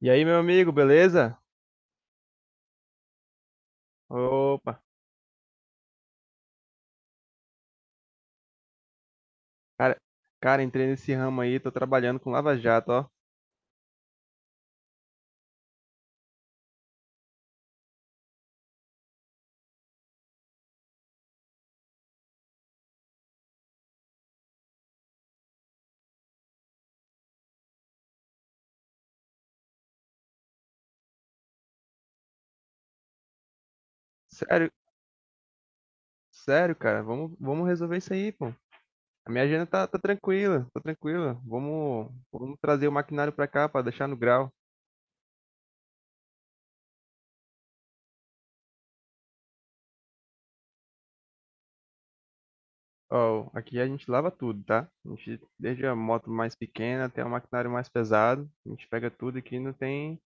E aí, meu amigo, beleza? Opa, cara, cara, entrei nesse ramo aí, tô trabalhando com Lava Jato, ó. Sério, sério, cara, vamos resolver isso aí, pô. A minha agenda tá tranquila, tá tranquila. Vamos trazer o maquinário pra cá pra deixar no grau. Ó, aqui a gente lava tudo, tá? A gente, desde a moto mais pequena até o maquinário mais pesado, a gente pega tudo aqui,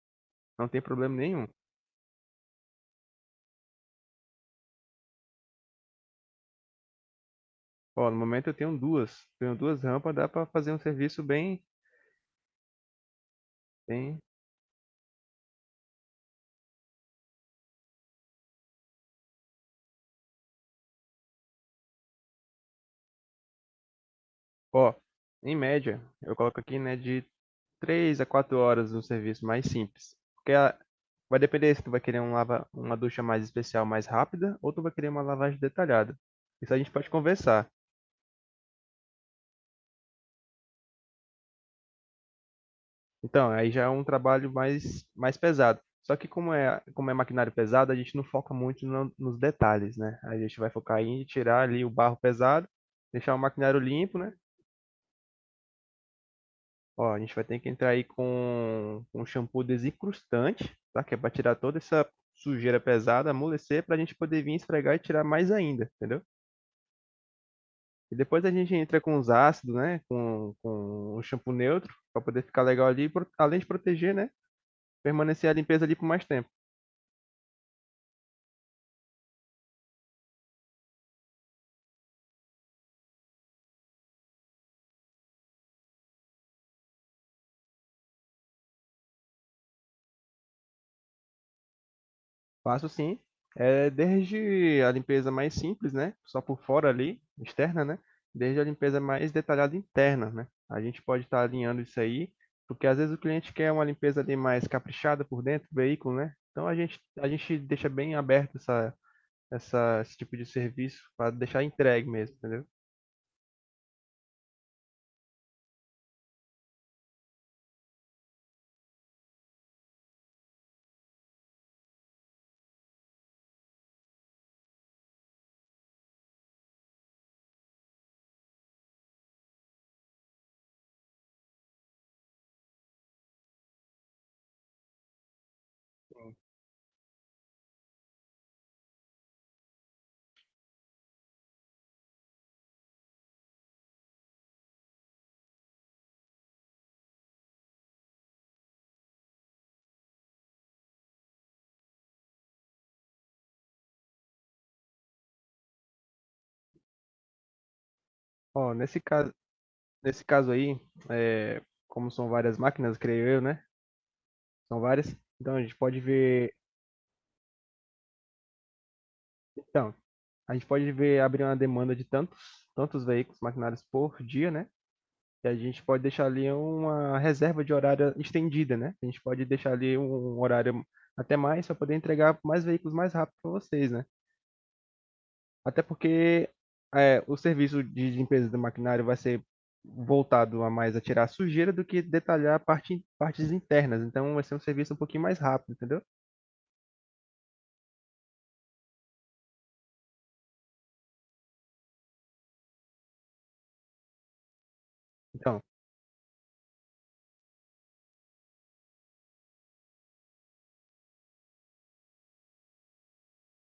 não tem problema nenhum. Ó, no momento eu tenho duas rampas, dá pra fazer um serviço bem. Ó, em média, eu coloco aqui, né, de 3 a 4 horas no serviço mais simples. Vai depender se tu vai querer um lava, uma ducha mais especial, mais rápida, ou tu vai querer uma lavagem detalhada. Isso a gente pode conversar. Então, aí já é um trabalho mais pesado. Só que como é maquinário pesado, a gente não foca muito nos detalhes, né? A gente vai focar em tirar ali o barro pesado, deixar o maquinário limpo, né? Ó, a gente vai ter que entrar aí com um shampoo desincrustante, tá? Que é para tirar toda essa sujeira pesada, amolecer, para a gente poder vir esfregar e tirar mais ainda, entendeu? E depois a gente entra com os ácidos, né? Com o shampoo neutro, para poder ficar legal ali, além de proteger, né? Permanecer a limpeza ali por mais tempo. Faço sim. É desde a limpeza mais simples, né, só por fora ali, externa, né, desde a limpeza mais detalhada interna, né. A gente pode estar alinhando isso aí, porque às vezes o cliente quer uma limpeza ali mais caprichada por dentro do veículo, né. Então a gente deixa bem aberto essa esse tipo de serviço para deixar entregue mesmo, entendeu. Sim. Ó, nesse caso aí, eh, como são várias máquinas, creio eu, né, são várias, então a gente pode ver então, a gente pode ver abrir uma demanda de tantos veículos maquinários por dia, né? E a gente pode deixar ali uma reserva de horário estendida, né? A gente pode deixar ali um horário até mais para poder entregar mais veículos mais rápido para vocês, né? Até porque o serviço de limpeza do maquinário vai ser voltado a mais a tirar a sujeira do que detalhar partes internas. Então vai ser um serviço um pouquinho mais rápido, entendeu? Então,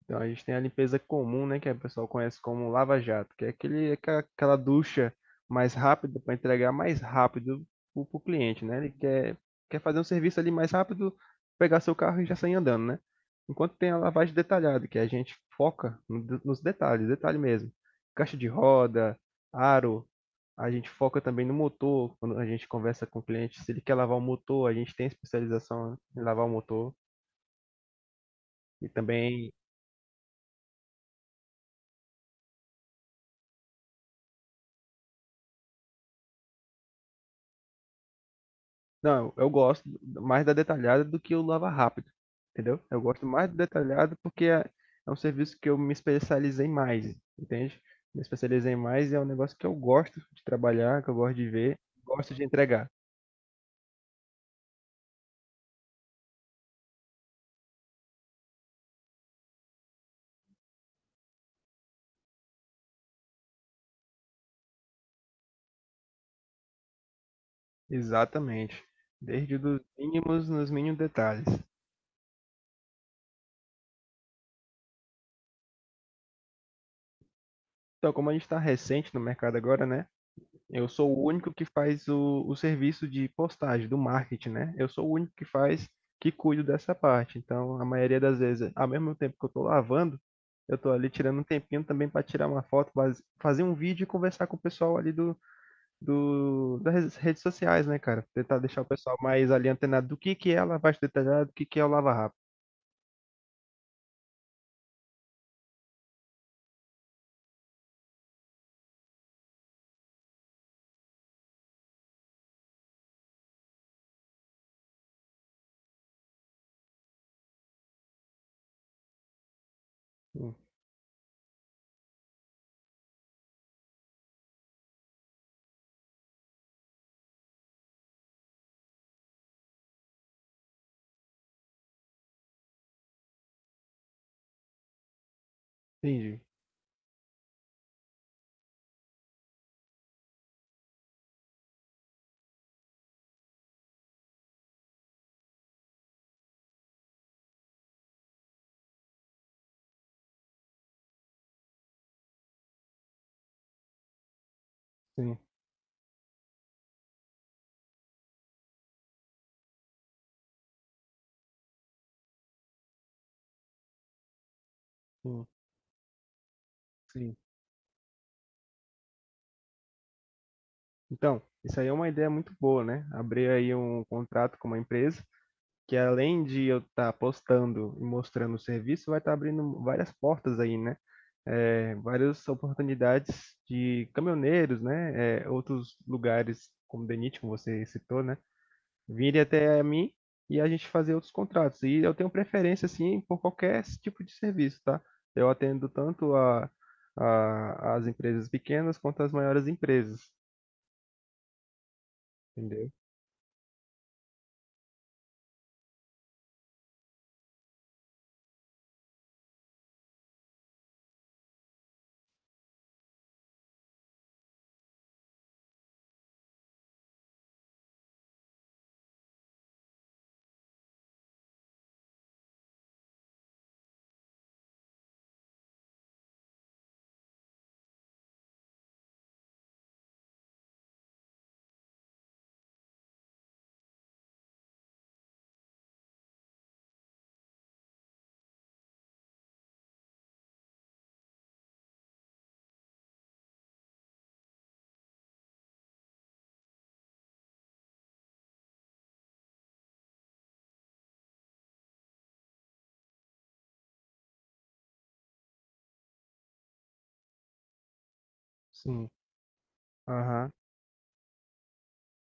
Então, a gente tem a limpeza comum, né, que o pessoal conhece como lava-jato, que é aquele, aquela aquela ducha mais rápida para entregar mais rápido para o cliente, né? Quer fazer um serviço ali mais rápido, pegar seu carro e já sair andando, né? Enquanto tem a lavagem detalhada, que a gente foca no nos detalhes, detalhe mesmo. Caixa de roda, aro, a gente foca também no motor, quando a gente conversa com o cliente, se ele quer lavar o motor, a gente tem especialização em lavar o motor e também. Não, eu gosto mais da detalhada do que o lava rápido, entendeu? Eu gosto mais do detalhado porque é um serviço que eu me especializei mais, entende? Me especializei mais e é um negócio que eu gosto de trabalhar, que eu gosto de ver, gosto de entregar. Exatamente. Desde os mínimos Nos mínimos detalhes. Então, como a gente está recente no mercado agora, né? Eu sou o único que faz o serviço de postagem, do marketing, né? Eu sou o único que faz, que cuido dessa parte. Então, a maioria das vezes, ao mesmo tempo que eu estou lavando, eu estou ali tirando um tempinho também para tirar uma foto, fazer um vídeo e conversar com o pessoal ali do, das redes sociais, né, cara? Tentar deixar o pessoal mais ali antenado do que é a lavagem detalhada, do que é o lava-rápido. Hum, Entendi. Sim, sim, sim. Então, isso aí é uma ideia muito boa, né? Abrir aí um contrato com uma empresa. Que além de eu estar postando e mostrando o serviço, vai estar abrindo várias portas aí, né? É, várias oportunidades de caminhoneiros, né? É, outros lugares, como Denit, como você citou, né? Virem até a mim e a gente fazer outros contratos. E eu tenho preferência, assim, por qualquer tipo de serviço, tá? Eu atendo tanto a, as empresas pequenas quanto as maiores empresas, entendeu? Sim. Aham.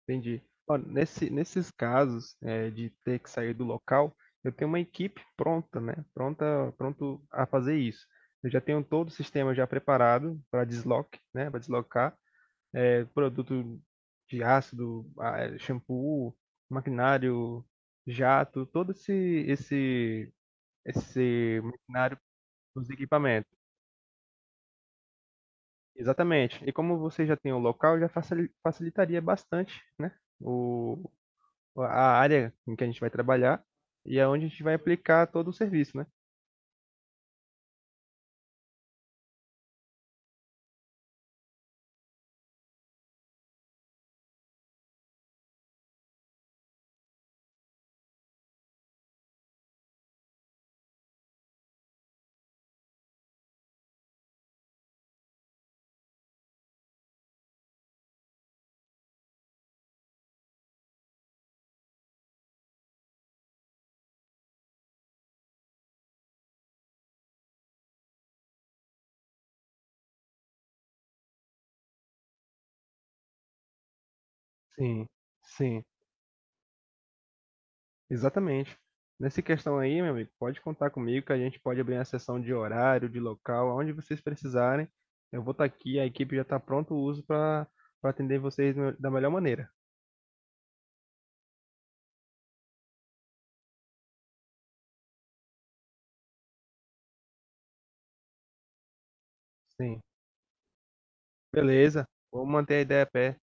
Entendi. Ó, nesses casos, de ter que sair do local, eu tenho uma equipe pronta, né, pronta pronto a fazer isso. Eu já tenho todo o sistema já preparado para desloque, né, para deslocar, produto de ácido, shampoo, maquinário, jato, todo esse esse esse maquinário, os equipamentos. Exatamente. E como você já tem o local, já facilitaria bastante, né, a área em que a gente vai trabalhar e aonde a gente vai aplicar todo o serviço, né? Sim, sim, exatamente. Nessa questão aí, meu amigo, pode contar comigo que a gente pode abrir a sessão de horário, de local, aonde vocês precisarem. Eu vou estar aqui, a equipe já está pronto o uso para para atender vocês da melhor maneira. Sim, beleza. Vou manter a ideia a pé.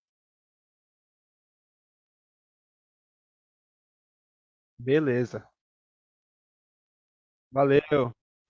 Beleza. Valeu.